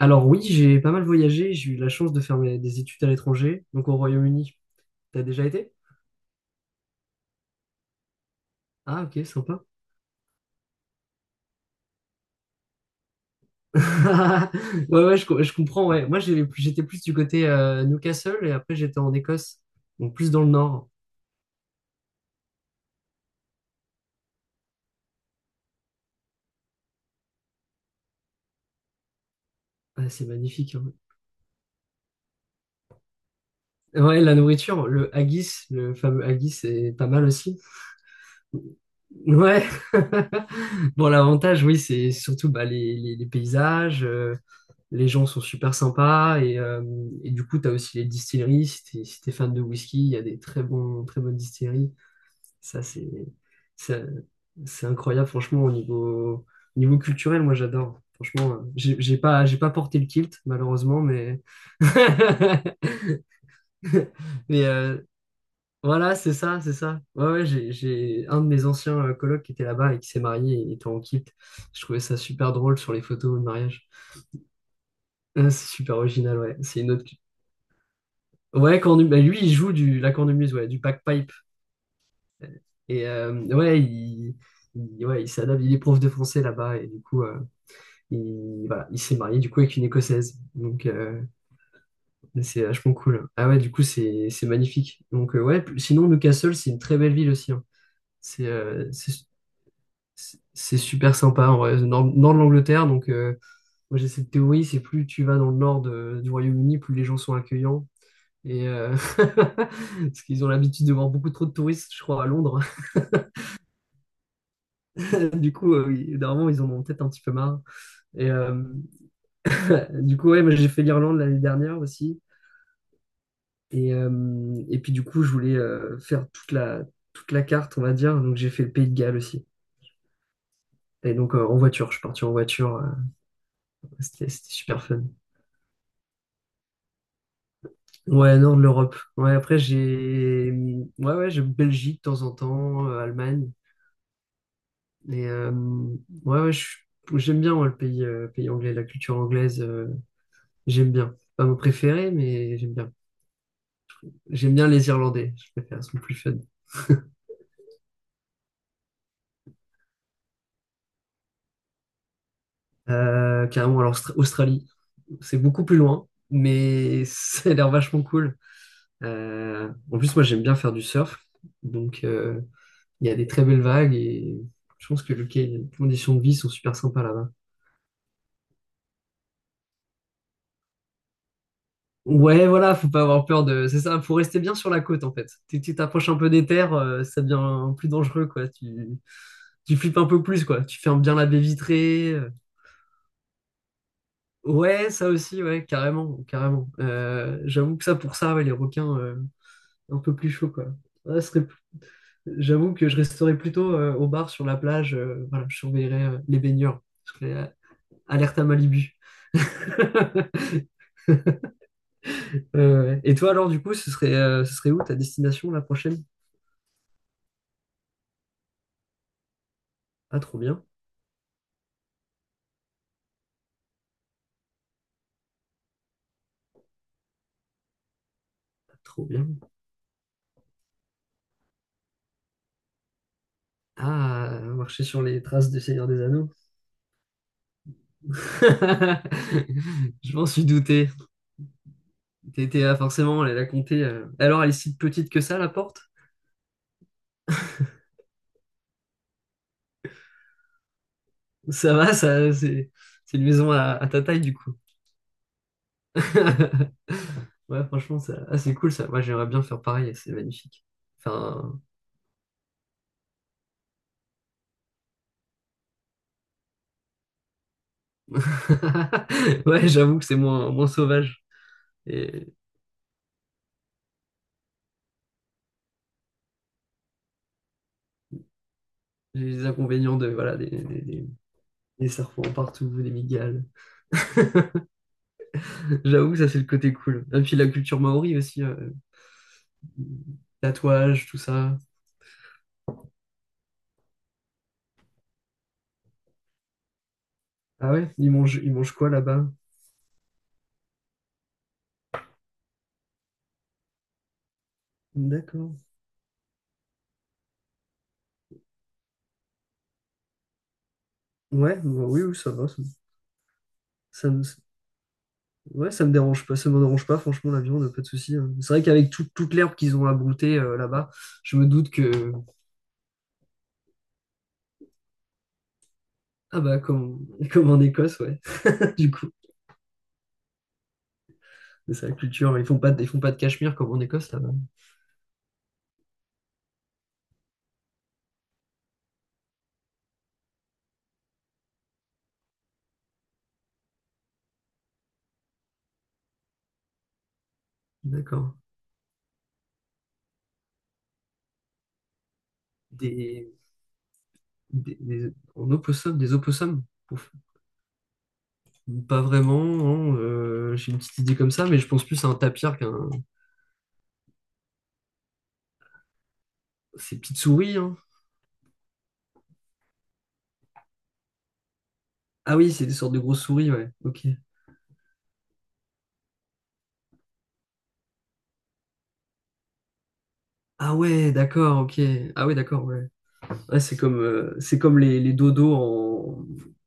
Alors oui, j'ai pas mal voyagé, j'ai eu la chance de faire des études à l'étranger, donc au Royaume-Uni. T'as déjà été? Ah, ok, sympa. Ouais, ouais, je comprends, ouais. Moi, j'étais plus du côté Newcastle et après j'étais en Écosse, donc plus dans le nord. Ah, c'est magnifique, hein. Ouais, la nourriture, le haggis, le fameux haggis, c'est pas mal aussi. Ouais. Bon, l'avantage, oui, c'est surtout bah, les paysages. Les gens sont super sympas, et du coup, tu as aussi les distilleries. Si t'es fan de whisky, il y a des très bons, très bonnes distilleries. Ça, c'est, ça- c'est incroyable, franchement, au niveau, culturel, moi, j'adore. Franchement, j'ai pas porté le kilt, malheureusement. Mais. Mais voilà, c'est ça, c'est ça. Ouais, ouais, j'ai un de mes anciens colocs qui était là-bas et qui s'est marié et était en kilt. Je trouvais ça super drôle sur les photos de mariage. C'est super original, ouais. C'est une autre. Ouais, bah, lui, il joue la cornemuse, ouais, du bagpipe. Et ouais, ouais, il s'adapte, il est prof de français là-bas, et du coup, voilà, il s'est marié du coup avec une Écossaise. Donc, c'est vachement cool. Ah ouais, du coup, c'est magnifique. Donc, ouais, sinon, Newcastle, c'est une très belle ville aussi, hein. C'est euh, c'est c'est super sympa, en vrai. Nord de l'Angleterre, donc moi j'ai cette théorie, c'est plus tu vas dans le nord du Royaume-Uni, plus les gens sont accueillants. Et parce qu'ils ont l'habitude de voir beaucoup trop de touristes, je crois, à Londres. Du coup, normalement, ils en ont peut-être un petit peu marre. Et du coup, ouais, moi, j'ai fait l'Irlande l'année dernière aussi. Et puis, du coup, je voulais faire toute la carte, on va dire. Donc, j'ai fait le Pays de Galles aussi. Et donc, en voiture, je suis parti en voiture. C'était super fun. Ouais, nord de l'Europe. Ouais, après, j'ai ouais, ouais, j'ai Belgique de temps en temps, Allemagne. Mais ouais, ouais, j'aime bien moi, le pays anglais, la culture anglaise, j'aime bien. Pas mon préféré, mais j'aime bien. J'aime bien les Irlandais, je préfère, ils sont plus fun. Carrément, alors Australie, c'est beaucoup plus loin, mais ça a l'air vachement cool. En plus, moi j'aime bien faire du surf, donc il y a des très belles vagues et je pense que les conditions de vie sont super sympas là-bas. Ouais, voilà, faut pas avoir peur de. C'est ça, faut rester bien sur la côte en fait. Tu t'approches un peu des terres, ça devient plus dangereux quoi. Tu flippes un peu plus quoi. Tu fermes bien la baie vitrée. Ouais, ça aussi, ouais, carrément, carrément. J'avoue que ça pour ça, ouais, les requins un peu plus chaud quoi. Ouais, ce serait plus- J'avoue que je resterais plutôt au bar sur la plage. Voilà, je surveillerais les baigneurs. Je serais alerte à Malibu. Ouais, ouais. Et toi alors du coup, ce serait où ta destination la prochaine? Ah, trop bien. Trop bien. Ah, marcher sur les traces du Seigneur des Anneaux. Je m'en suis douté. T'étais ah, forcément allé la compter. Alors, elle est si petite que ça, la porte? Ça va, ça, c'est une maison à ta taille, du coup. Ouais, franchement, ça, ah, c'est cool ça. Moi, j'aimerais bien faire pareil, c'est magnifique. Enfin, ouais, j'avoue que c'est moins, moins sauvage. Et j'ai les inconvénients de, voilà, des serpents partout, des migales. J'avoue que ça, c'est le côté cool. Et puis la culture maori aussi. Tatouages, tout ça. Ah ouais, ils mangent quoi là-bas? D'accord. Ouais, bah oui, oui, ça va. Ça me, ouais, ça me dérange pas. Ça me dérange pas, franchement, la viande, pas de souci, hein. C'est vrai qu'avec toute l'herbe qu'ils ont abroutée là-bas, je me doute que. Ah bah, comme, comme en Écosse, ouais. Du coup, mais c'est la culture. Ils font pas, de- ils font pas de cachemire comme en Écosse là-bas. D'accord. Des, en opossum, des opossums. Ouf. Pas vraiment, hein, j'ai une petite idée comme ça, mais je pense plus à un tapir qu'un. Ces petites souris, hein. Ah oui, c'est des sortes de grosses souris, ouais, ok. Ah ouais, d'accord, ok. Ah ouais, d'accord, ouais. Ouais, c'est comme les dodos en.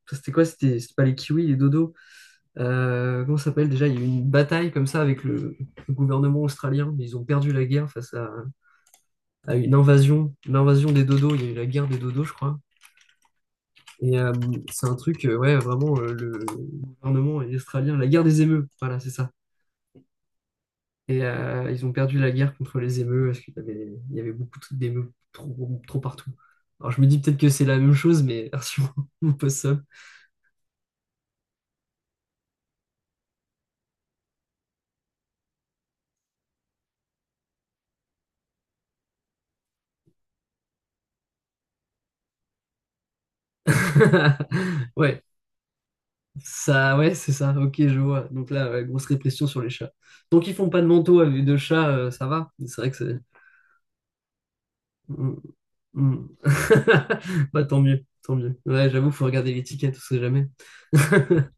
Ça, c'était quoi? C'était pas les kiwis, les dodos. Comment ça s'appelle déjà? Il y a eu une bataille comme ça avec le gouvernement australien. Ils ont perdu la guerre face à une invasion, l'invasion des dodos. Il y a eu la guerre des dodos, je crois. Et c'est un truc, ouais, vraiment, le gouvernement est australien, la guerre des émeutes, voilà, c'est ça. Et ils ont perdu la guerre contre les émeutes parce qu'il y avait beaucoup d'émeutes trop, trop partout. Alors je me dis peut-être que c'est la même chose, mais version possum. Ouais, ça, ouais, c'est ça, ok, je vois. Donc là, ouais, grosse répression sur les chats. Donc ils font pas de manteau avec de chat, ça va. Mais c'est vrai que c'est. Mm, mm. Bah tant mieux, tant mieux. Ouais, j'avoue, faut regarder l'étiquette, on sait jamais.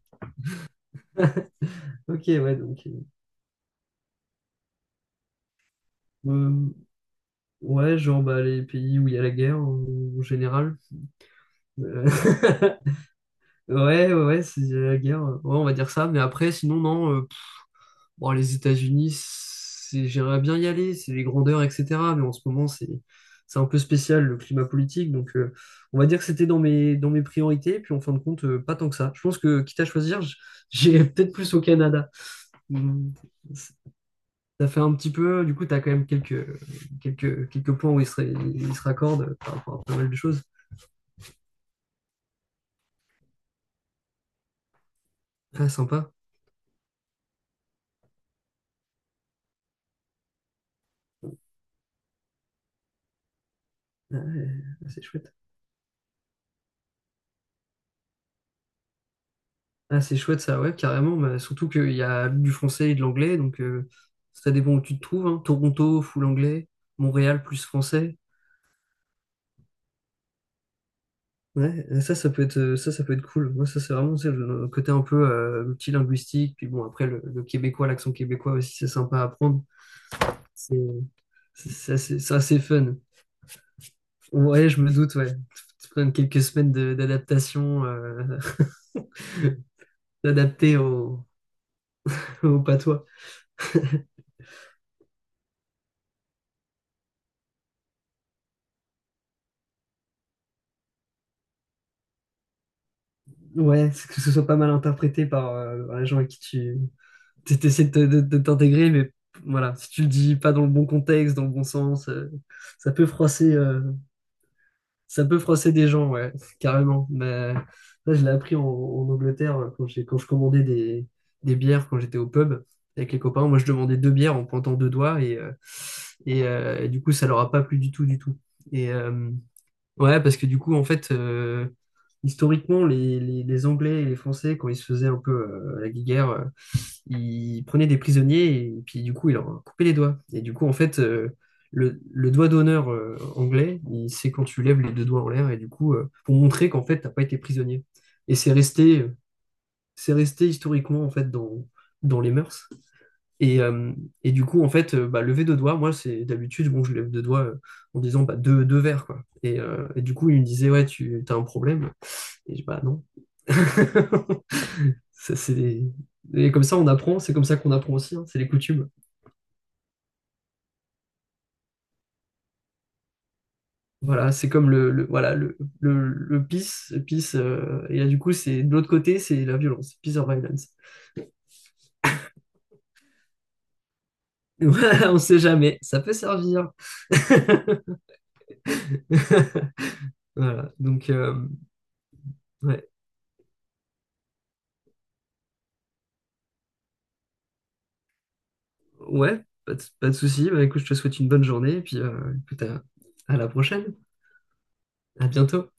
Ok, ouais, donc. Euh, ouais, genre bah, les pays où il y a la guerre en général. Euh, ouais, ouais, ouais, c'est il y a la guerre. Ouais, on va dire ça. Mais après, sinon, non. Bon, les États-Unis, j'aimerais bien y aller, c'est les grandeurs, etc. Mais en ce moment, c'est un peu spécial le climat politique. Donc, on va dire que c'était dans mes, priorités. Puis en fin de compte, pas tant que ça. Je pense que, quitte à choisir, j'ai peut-être plus au Canada. Mm, Ça fait un petit peu, du coup, tu as quand même quelques points où ils se raccordent par rapport à pas mal de choses. Ah, sympa. Ah, ouais, c'est chouette. Ah, c'est chouette ça, ouais, carrément. Bah, surtout qu'il y a du français et de l'anglais, donc ça dépend où tu te trouves, hein. Toronto, full anglais. Montréal, plus français. Ouais, et ça, ça, ça peut être cool. Moi, ça, c'est vraiment tu sais, le côté un peu multilinguistique. Puis bon, après, le québécois, l'accent québécois aussi, c'est sympa à apprendre. C'est c'est assez, c'est assez fun. Ouais, je me doute, ouais. Tu prends quelques semaines d'adaptation, d'adapter au patois. Ouais, c'est que ce soit pas mal interprété par les gens à qui tu essaies de t'intégrer, mais voilà, si tu le dis pas dans le bon contexte, dans le bon sens, ça peut froisser, ça peut froisser des gens, ouais, carrément. Mais là, je l'ai appris en Angleterre quand quand je commandais des bières quand j'étais au pub avec les copains. Moi, je demandais deux bières en pointant deux doigts et du coup, ça leur a pas plu du tout, du tout. Et ouais, parce que du coup, en fait, historiquement, les Anglais et les Français, quand ils se faisaient un peu la guerre, il prenait des prisonniers et puis du coup il leur a coupé les doigts. Et du coup en fait le doigt d'honneur anglais, c'est quand tu lèves les deux doigts en l'air et du coup pour montrer qu'en fait t'as pas été prisonnier. Et c'est resté historiquement en fait dans les mœurs. Et, euh, et du coup en fait bah, lever deux doigts, moi c'est d'habitude bon je lève deux doigts en disant bah deux verres quoi. Et du coup il me disait ouais tu as un problème et je dis bah non. Ça, c'est des- Et comme ça, on apprend, c'est comme ça qu'on apprend aussi, hein, c'est les coutumes. Voilà, c'est comme voilà, le peace, et là, du coup, c'est de l'autre côté, c'est la violence, peace or violence. Voilà, on sait jamais, ça peut servir. Voilà, donc, ouais, ouais, pas de souci. Bah, écoute, je te souhaite une bonne journée, et puis, écoute, à la prochaine, à bientôt.